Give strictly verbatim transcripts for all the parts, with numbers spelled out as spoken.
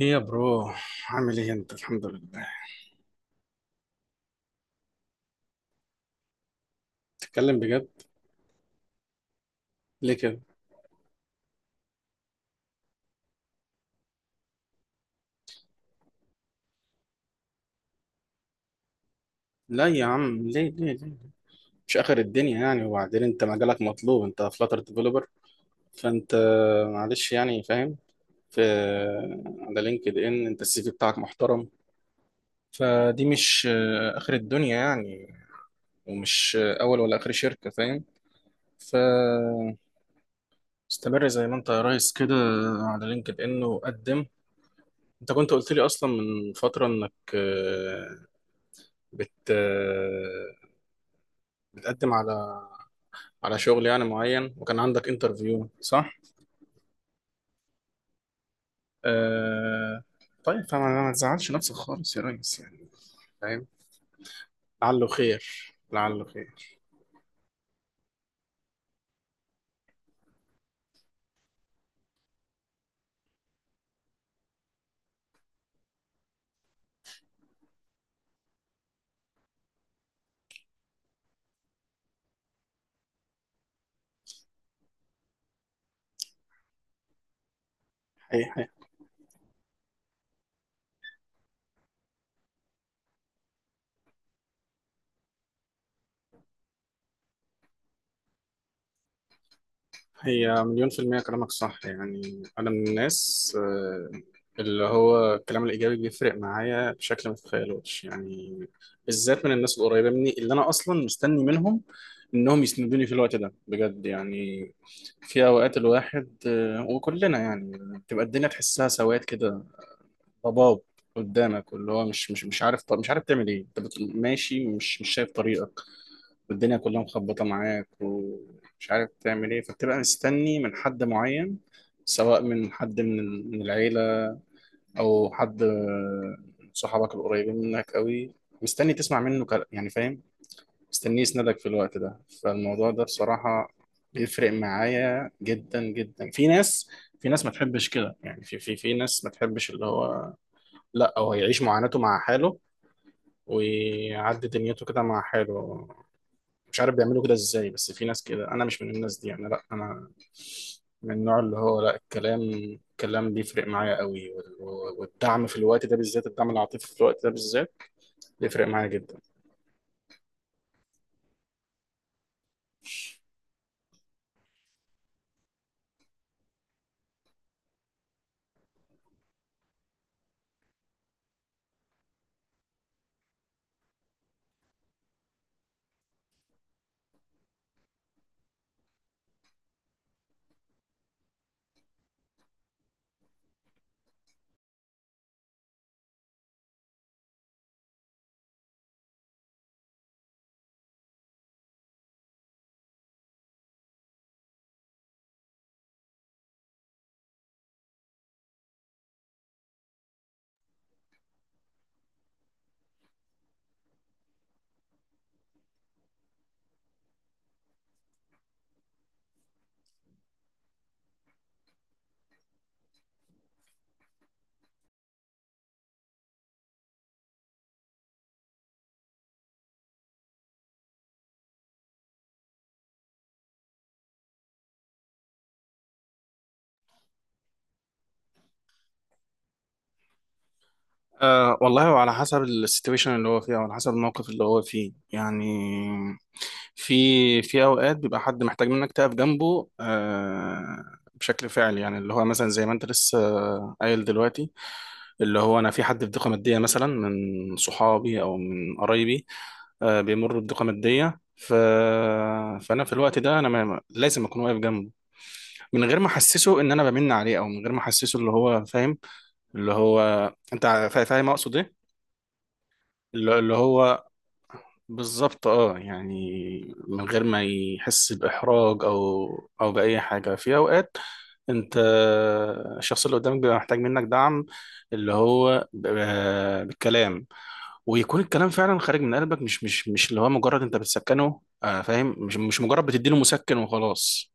ايه يا برو، عامل ايه انت؟ الحمد لله. تتكلم بجد؟ ليه كده؟ لا يا عم، ليه ليه ليه، مش اخر الدنيا يعني. وبعدين انت مجالك مطلوب، انت فلاتر ديفلوبر، فانت معلش يعني، فاهم؟ في على لينكد ان انت السي في بتاعك محترم، فدي مش آه، اخر الدنيا يعني. ومش آه، اول ولا اخر شركة، فاهم؟ ف استمر زي ما انت يا ريس كده، على لينكد ان وقدم. انت كنت قلت لي اصلا من فترة انك بت بتقدم على على شغل يعني معين، وكان عندك انترفيو، صح؟ آه... طيب، فما ما تزعلش نفسك خالص يا ريس يعني، فاهم؟ لعله خير، لعله خير. هي- هي مليون في المية كلامك صح يعني. أنا من الناس، آه، اللي هو الكلام الإيجابي بيفرق معايا بشكل ما تتخيلوش يعني، بالذات من الناس القريبة مني، اللي أنا أصلا مستني منهم إنهم يسندوني في الوقت ده بجد يعني. في أوقات الواحد، آه، وكلنا يعني، بتبقى الدنيا تحسها سواد كده، ضباب قدامك، واللي هو مش مش مش عارف مش عارف تعمل إيه. أنت بت- ماشي، مش مش شايف طريقة، والدنيا كلها مخبطة معاك ومش عارف تعمل ايه، فبتبقى مستني من حد معين، سواء من حد من ال- من العيلة، أو حد، آه، صحابك القريبين منك قوي، مستني تسمع منه كلام يعني، فاهم؟ مستني يسندك في الوقت ده، فالموضوع ده بصراحة بيفرق معايا جدا جدا. في ناس، في ناس ما تحبش كده يعني، في في في ناس ما تحبش اللي هو، لا، هو يعيش معاناته مع حاله ويعدي دنيته كده مع حاله. مش عارف بيعملوا كده ازاي، بس في ناس كده. انا مش من الناس دي، انا لا، انا من النوع اللي هو لا، الكلام الكلام بيفرق معايا قوي، وال- و- والدعم في الوقت ده بالذات، الدعم العاطفي في الوقت ده بالذات بيفرق معايا جدا. أه والله، وعلى حسب السيتويشن اللي هو فيها، وعلى حسب الموقف اللي هو فيه يعني. في في اوقات بيبقى حد محتاج منك تقف جنبه، أه بشكل فعلي يعني، اللي هو مثلا زي ما انت لسه قايل دلوقتي، اللي هو انا في حد في ضيقه ماديه مثلا من صحابي او من قرايبي، آه، بيمر بضيقه ماديه، ف... فانا في الوقت ده انا ما... لازم اكون واقف جنبه، من غير ما احسسه ان انا بمن عليه، او من غير ما احسسه اللي هو، فاهم؟ اللي هو انت، فا- فاهم اقصد ايه؟ اللي اللي هو بالظبط، اه يعني، من غير ما يحس باحراج او او باي حاجه. في اوقات انت، الشخص اللي قدامك بيبقى محتاج منك دعم اللي هو ب- آه، بالكلام، ويكون الكلام فعلا خارج من قلبك، مش مش مش اللي هو مجرد انت بتسكنه، آه فاهم؟ مش مش مجرد بتديله مسكن وخلاص.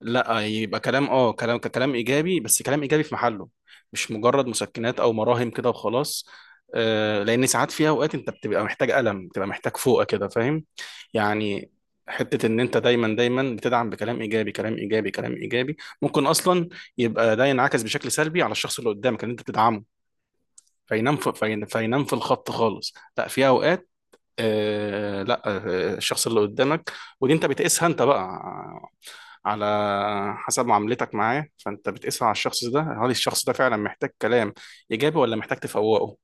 لا، يبقى كلام، اه كلام كلام ايجابي، بس كلام ايجابي في محله، مش مجرد مسكنات او مراهم كده وخلاص. آه لان ساعات، في اوقات، انت بتبقى محتاج قلم، بتبقى محتاج فوقه كده، فاهم يعني؟ حتة ان انت دايما دايما بتدعم بكلام ايجابي كلام ايجابي كلام ايجابي، ممكن اصلا يبقى ده ينعكس بشكل سلبي على الشخص اللي قدامك اللي انت بتدعمه، فينام في فين- فينام في الخط خالص. لا، في اوقات، آه لا آه الشخص اللي قدامك، ودي انت بتقيسها انت بقى على حسب معاملتك معاه. فانت بتقيسها على الشخص ده، هل الشخص ده فعلا محتاج كلام ايجابي ولا محتاج تفوقه؟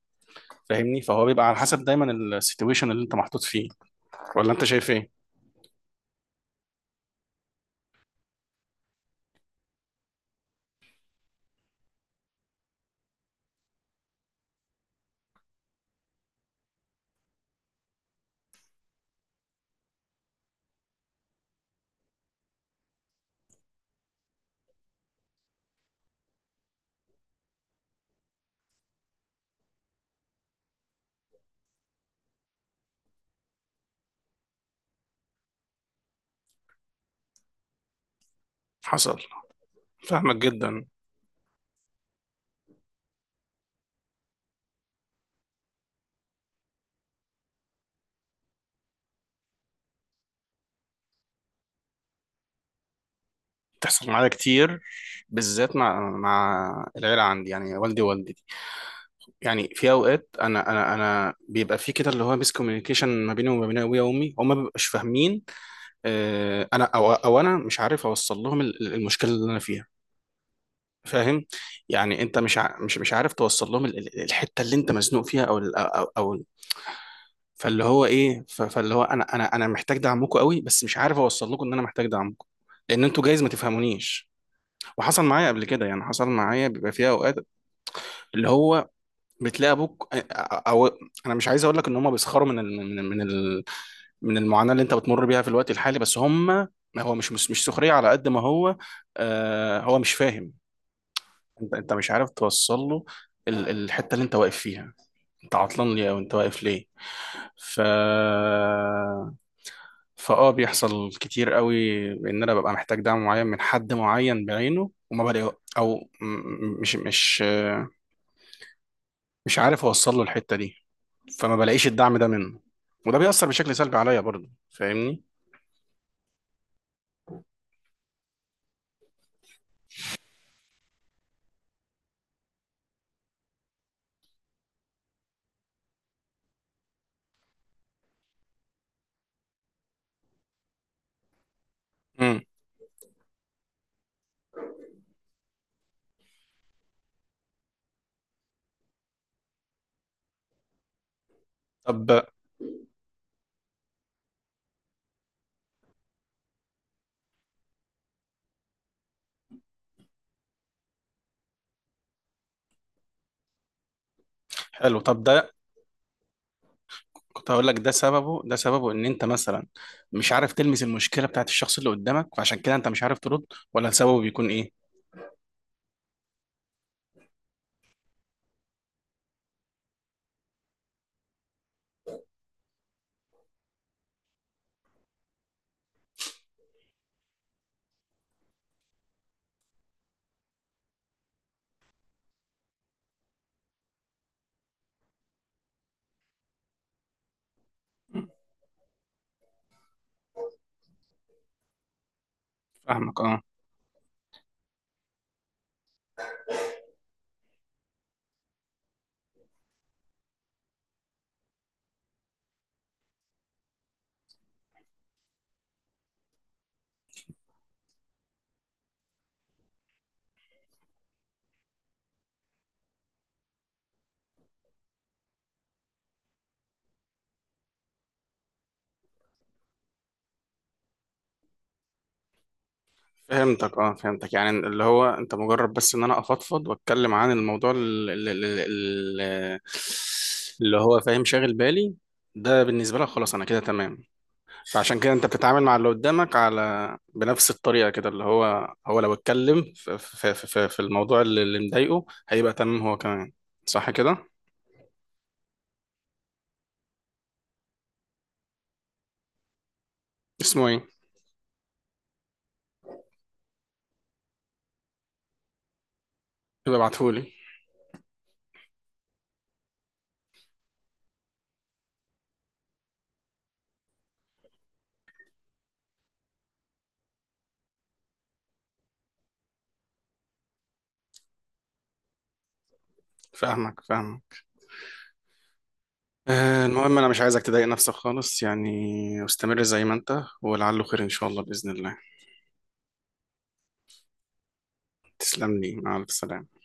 فاهمني؟ فهو بيبقى على حسب دايما السيتويشن اللي انت محطوط فيه. ولا انت شايف ايه؟ حصل. فاهمك جدا. تحصل معايا كتير، بالذات مع مع العيله عندي يعني، والدي ووالدتي. يعني في اوقات، انا انا انا بيبقى في كده، اللي هو ميس كوميونيكيشن ما بيني وما بين ابويا وامي، هما ما بيبقاش فاهمين. آه، انا، او او انا مش عارف اوصل لهم ال- ال- المشكله اللي انا فيها، فاهم؟ يعني انت مش ع- مش مش عارف توصل لهم ال- ال- الحته اللي انت مزنوق فيها، او ال- او او. فاللي هو ايه، ف- فاللي هو انا انا انا محتاج دعمكم قوي، بس مش عارف اوصل لكم ان انا محتاج دعمكم، لان انتوا جايز ما تفهمونيش. وحصل معايا قبل كده يعني، حصل معايا بيبقى فيها اوقات، اللي هو بتلاقي ابوك، او أو- انا مش عايز اقول لك ان هم بيسخروا من ال من ال من ال من المعاناة اللي انت بتمر بيها في الوقت الحالي، بس هم، ما هو مش، مش مش سخرية على قد ما هو، آه هو مش فاهم. انت انت مش عارف توصل له ال- الحتة اللي انت واقف فيها، انت عطلان ليه او انت واقف ليه. ف فاه بيحصل كتير قوي ان انا ببقى محتاج دعم معين من حد معين بعينه، وما بلاقي، او م- م- مش مش آه، مش عارف اوصل له الحتة دي، فما بلاقيش الدعم ده منه، وده بيأثر بشكل سلبي عليا برضه، فاهمني؟ مم. طب، حلو، طب ده، كنت هقول لك، ده سببه ده سببه ان انت مثلا مش عارف تلمس المشكله بتاعت الشخص اللي قدامك، فعشان كده انت مش عارف ترد، ولا سببه بيكون ايه؟ فاهمك. اه فهمتك، اه فهمتك يعني اللي هو انت مجرد بس ان انا افضفض واتكلم عن الموضوع ال- ال- ال- ال- اللي هو، فاهم، شاغل بالي، ده بالنسبه لك خلاص انا كده تمام. فعشان كده انت بتتعامل مع اللي قدامك على بنفس الطريقه كده، اللي هو هو لو اتكلم في في في في الموضوع اللي اللي مضايقه، هيبقى تمام هو كمان، صح كده؟ اسمه ايه؟ يبقى ابعتهولي. فاهمك فاهمك آه، المهم انا مش عايزك تضايق نفسك خالص يعني، استمر زي ما انت، ولعله خير ان شاء الله، باذن الله. تسلم لي، مع الف سلامه.